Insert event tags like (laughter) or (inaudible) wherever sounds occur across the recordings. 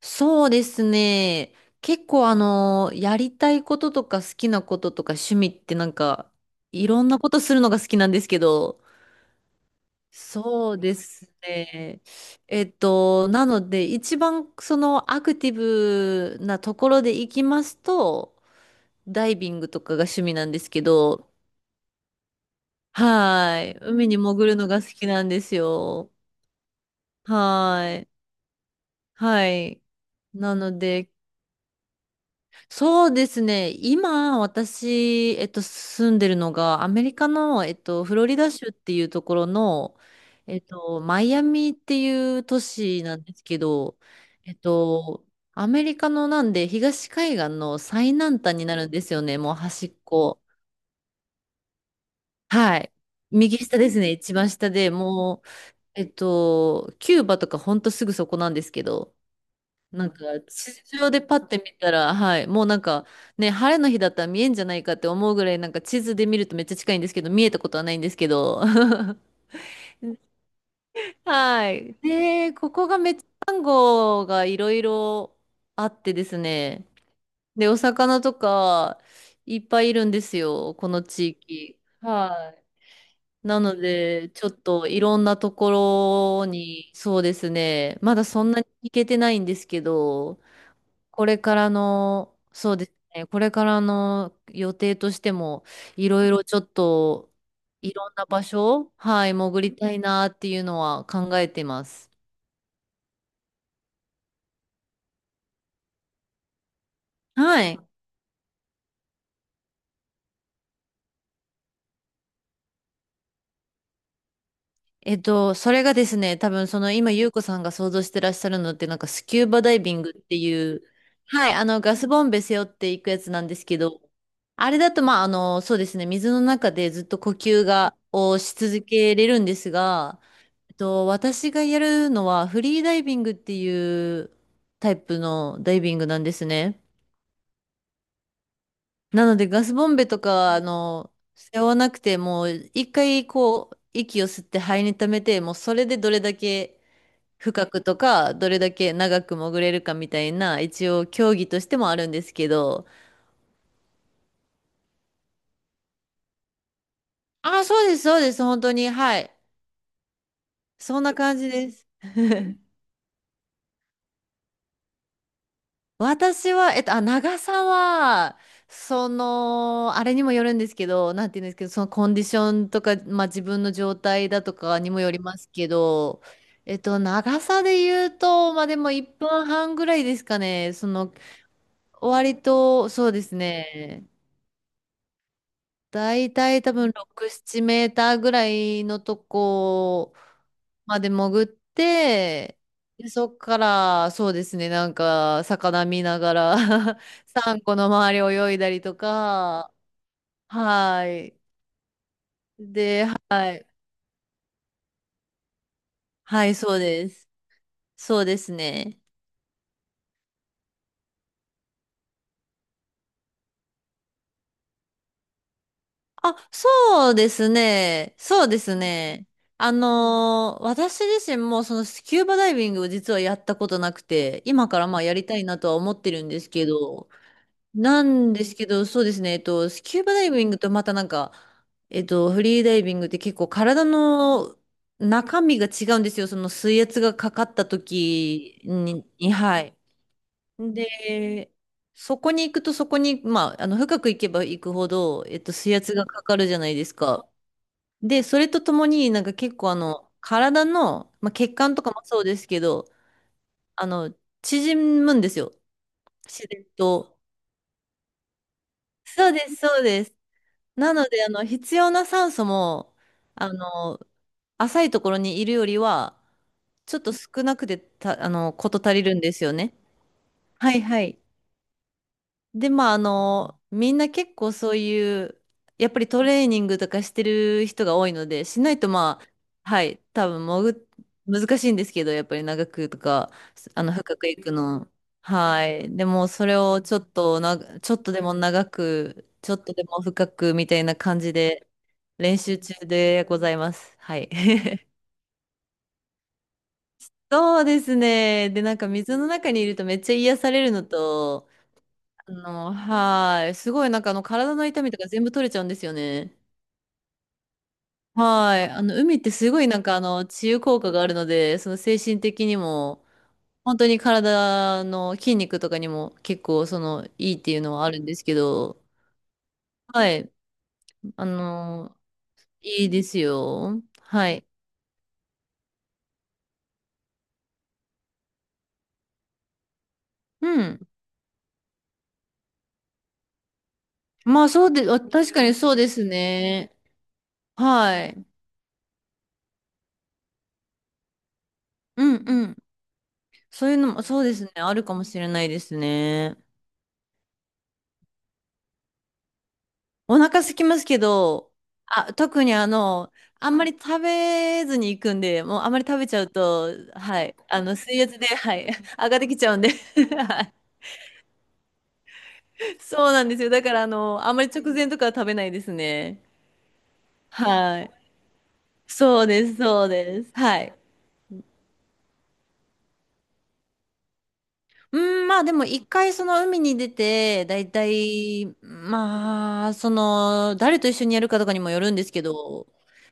そうですね。結構やりたいこととか好きなこととか趣味っていろんなことするのが好きなんですけど、そうですね。なので、一番そのアクティブなところで行きますと、ダイビングとかが趣味なんですけど、はい。海に潜るのが好きなんですよ。はい。はい。なので、そうですね。今、私、住んでるのが、アメリカの、フロリダ州っていうところの、マイアミっていう都市なんですけど、えっと、アメリカのなんで、東海岸の最南端になるんですよね。もう端っこ。はい。右下ですね。一番下で、もう、キューバとかほんとすぐそこなんですけど、地上でパッて見たら、はい、もうなんか、ね、晴れの日だったら見えんじゃないかって思うぐらい、なんか地図で見るとめっちゃ近いんですけど、見えたことはないんですけど。(laughs) はい。で、ここがめっちゃサンゴがいろいろあってですね。で、お魚とかいっぱいいるんですよ、この地域。はい。なので、ちょっといろんなところに、そうですね、まだそんなに行けてないんですけど、これからの、そうですね、これからの予定としても、いろいろちょっと、いろんな場所、はい、潜りたいなっていうのは考えてます。はい。それがですね、多分その今、ゆうこさんが想像してらっしゃるのって、なんかスキューバダイビングっていう、はい、ガスボンベ背負っていくやつなんですけど、あれだと、まあ、そうですね、水の中でずっと呼吸をし続けれるんですが、と、私がやるのはフリーダイビングっていうタイプのダイビングなんですね。なのでガスボンベとか、背負わなくてもう一回こう息を吸って肺に溜めて、もうそれでどれだけ深くとか、どれだけ長く潜れるかみたいな、一応競技としてもあるんですけど。ああ、そうです、そうです、本当に。はい。そんな感じです。私は、長さは、その、あれにもよるんですけど、なんて言うんですけど、そのコンディションとか、まあ自分の状態だとかにもよりますけど、長さで言うと、まあでも1分半ぐらいですかね、その、割と、そうですね、大体多分6、7メーターぐらいのとこまで潜って、で、そっから、そうですね、なんか、魚見ながら (laughs) サンゴ (laughs) の周り泳いだりとか、はい。で、はい。はい、そうです。そうですね。あ、そうですね。そうですね。あのー私自身もそのスキューバダイビングを実はやったことなくて、今からまあやりたいなとは思ってるんですけど、なんですけど、そうですね、スキューバダイビングとまたなんか、フリーダイビングって結構体の中身が違うんですよ。その水圧がかかった時に、はい。で、そこに行くとそこに、まあ、深く行けば行くほど、水圧がかかるじゃないですか。で、それとともになんか結構あの、体の、まあ、血管とかもそうですけど、あの、縮むんですよ。自然と。そうです、そうです。なので、必要な酸素も、あの、浅いところにいるよりは、ちょっと少なくてた、あの、こと足りるんですよね。はいはい。で、まあ、みんな結構そういう、やっぱりトレーニングとかしてる人が多いので、しないとまあ、はい、多分潜っ、難しいんですけど、やっぱり長くとか、深くいくの。はい。でも、それをちょっとでも長く、ちょっとでも深くみたいな感じで、練習中でございます。はい。(laughs) そうですね。で、なんか水の中にいるとめっちゃ癒されるのと、すごいなんかあの体の痛みとか全部取れちゃうんですよね。はい。あの、海ってすごいなんかあの、治癒効果があるので、その精神的にも、本当に体の筋肉とかにも結構その、いいっていうのはあるんですけど、はい。あの、いいですよ。はい。うん。まあそうで、あ確かにそうですね。はい。うんうん。そういうのも、そうですね。あるかもしれないですね。お腹空きますけど、あ、特にあの、あんまり食べずに行くんで、もうあんまり食べちゃうと、はい。あの、水圧で、はい。(laughs) 上がってきちゃうんで。(laughs) はい。そうなんですよ。だから、あんまり直前とかは食べないですね。はい。そうです、そうです。はい。うん、まあでも一回その海に出て、だいたい、まあ、その、誰と一緒にやるかとかにもよるんですけど、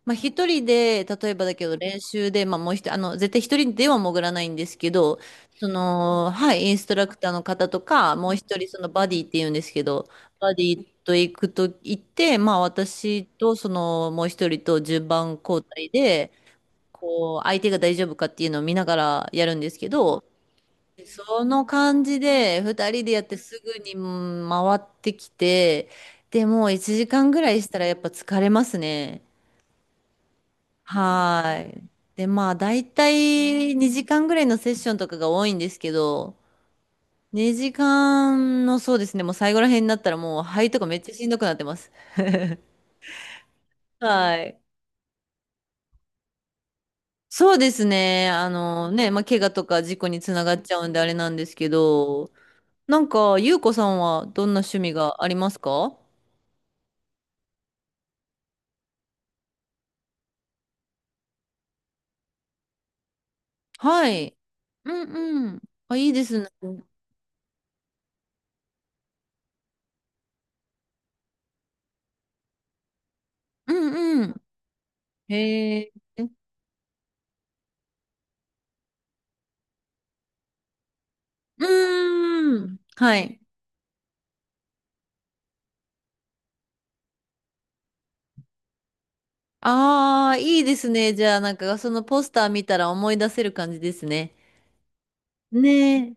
まあ一人で、例えばだけど練習で、まあもう一人、絶対一人では潜らないんですけど、その、はい、インストラクターの方とか、もう一人そのバディって言うんですけど、バディと行って、まあ私とその、もう一人と順番交代で、こう、相手が大丈夫かっていうのを見ながらやるんですけど、その感じで2人でやってすぐに回ってきてで、もう1時間ぐらいしたらやっぱ疲れますね。はーい。でまあ大体2時間ぐらいのセッションとかが多いんですけど、2時間の、そうですね、もう最後ら辺になったらもう肺とかめっちゃしんどくなってます。はい。そうですね、あのね、まあ怪我とか事故につながっちゃうんであれなんですけど、なんかゆうこさんはどんな趣味がありますか？はい。うんうん。あ、いいですね。うんうん。へえ。うーん。はい。ああ、いいですね。じゃあ、なんか、そのポスター見たら思い出せる感じですね。ねえ。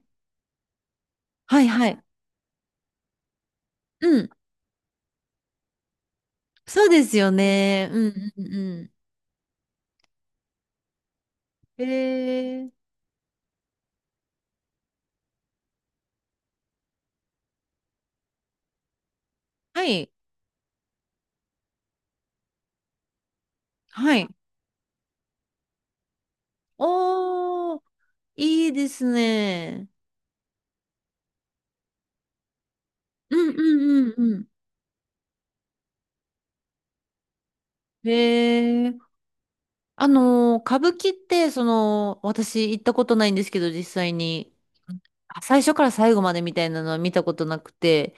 はいはい。うん。そうですよね。うんうんうん。へえ。はい。はい。おー、いいですね。うんうんうんうん。へえ。あのー、歌舞伎って、その、私行ったことないんですけど、実際に、あ最初から最後までみたいなのは見たことなくて、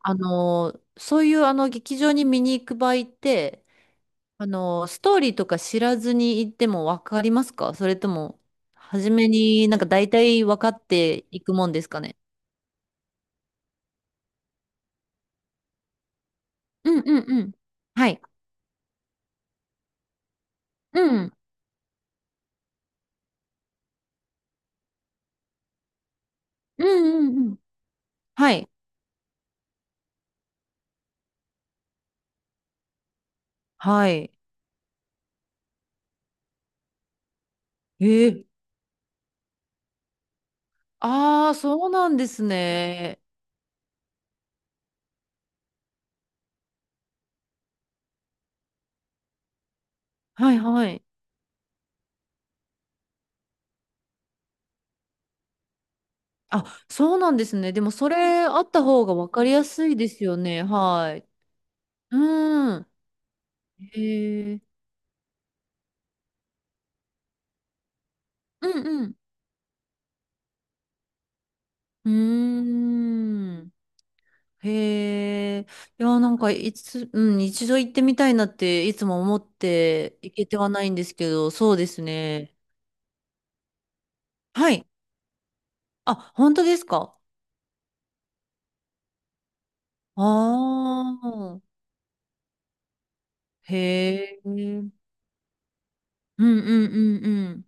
あのー、そういうあの劇場に見に行く場合って、あのー、ストーリーとか知らずに行ってもわかりますか？それとも、初めになんか大体分かっていくもんですかね？うんうんうん。はい。うん。うんうんうん。はい。はい。えー、ああ、そうなんですね。はいはい。あ、そうなんですね。でもそれあった方が分かりやすいですよね。はい。うん。へえ。うんうん。うーん。へえ。いや、なんかいつ、うん、一度行ってみたいなっていつも思って行けてはないんですけど、そうですね。はい。あ、本当ですか？ああー。へえ。うんうんうんうん。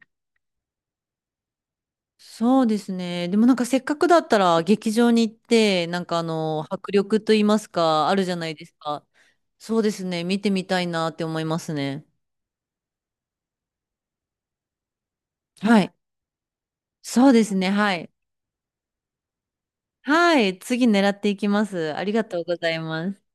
そうですね。でもなんかせっかくだったら劇場に行って、なんかあの、迫力と言いますか、あるじゃないですか。そうですね。見てみたいなって思いますね。はい。そうですね。はい。はい。次狙っていきます。ありがとうございます。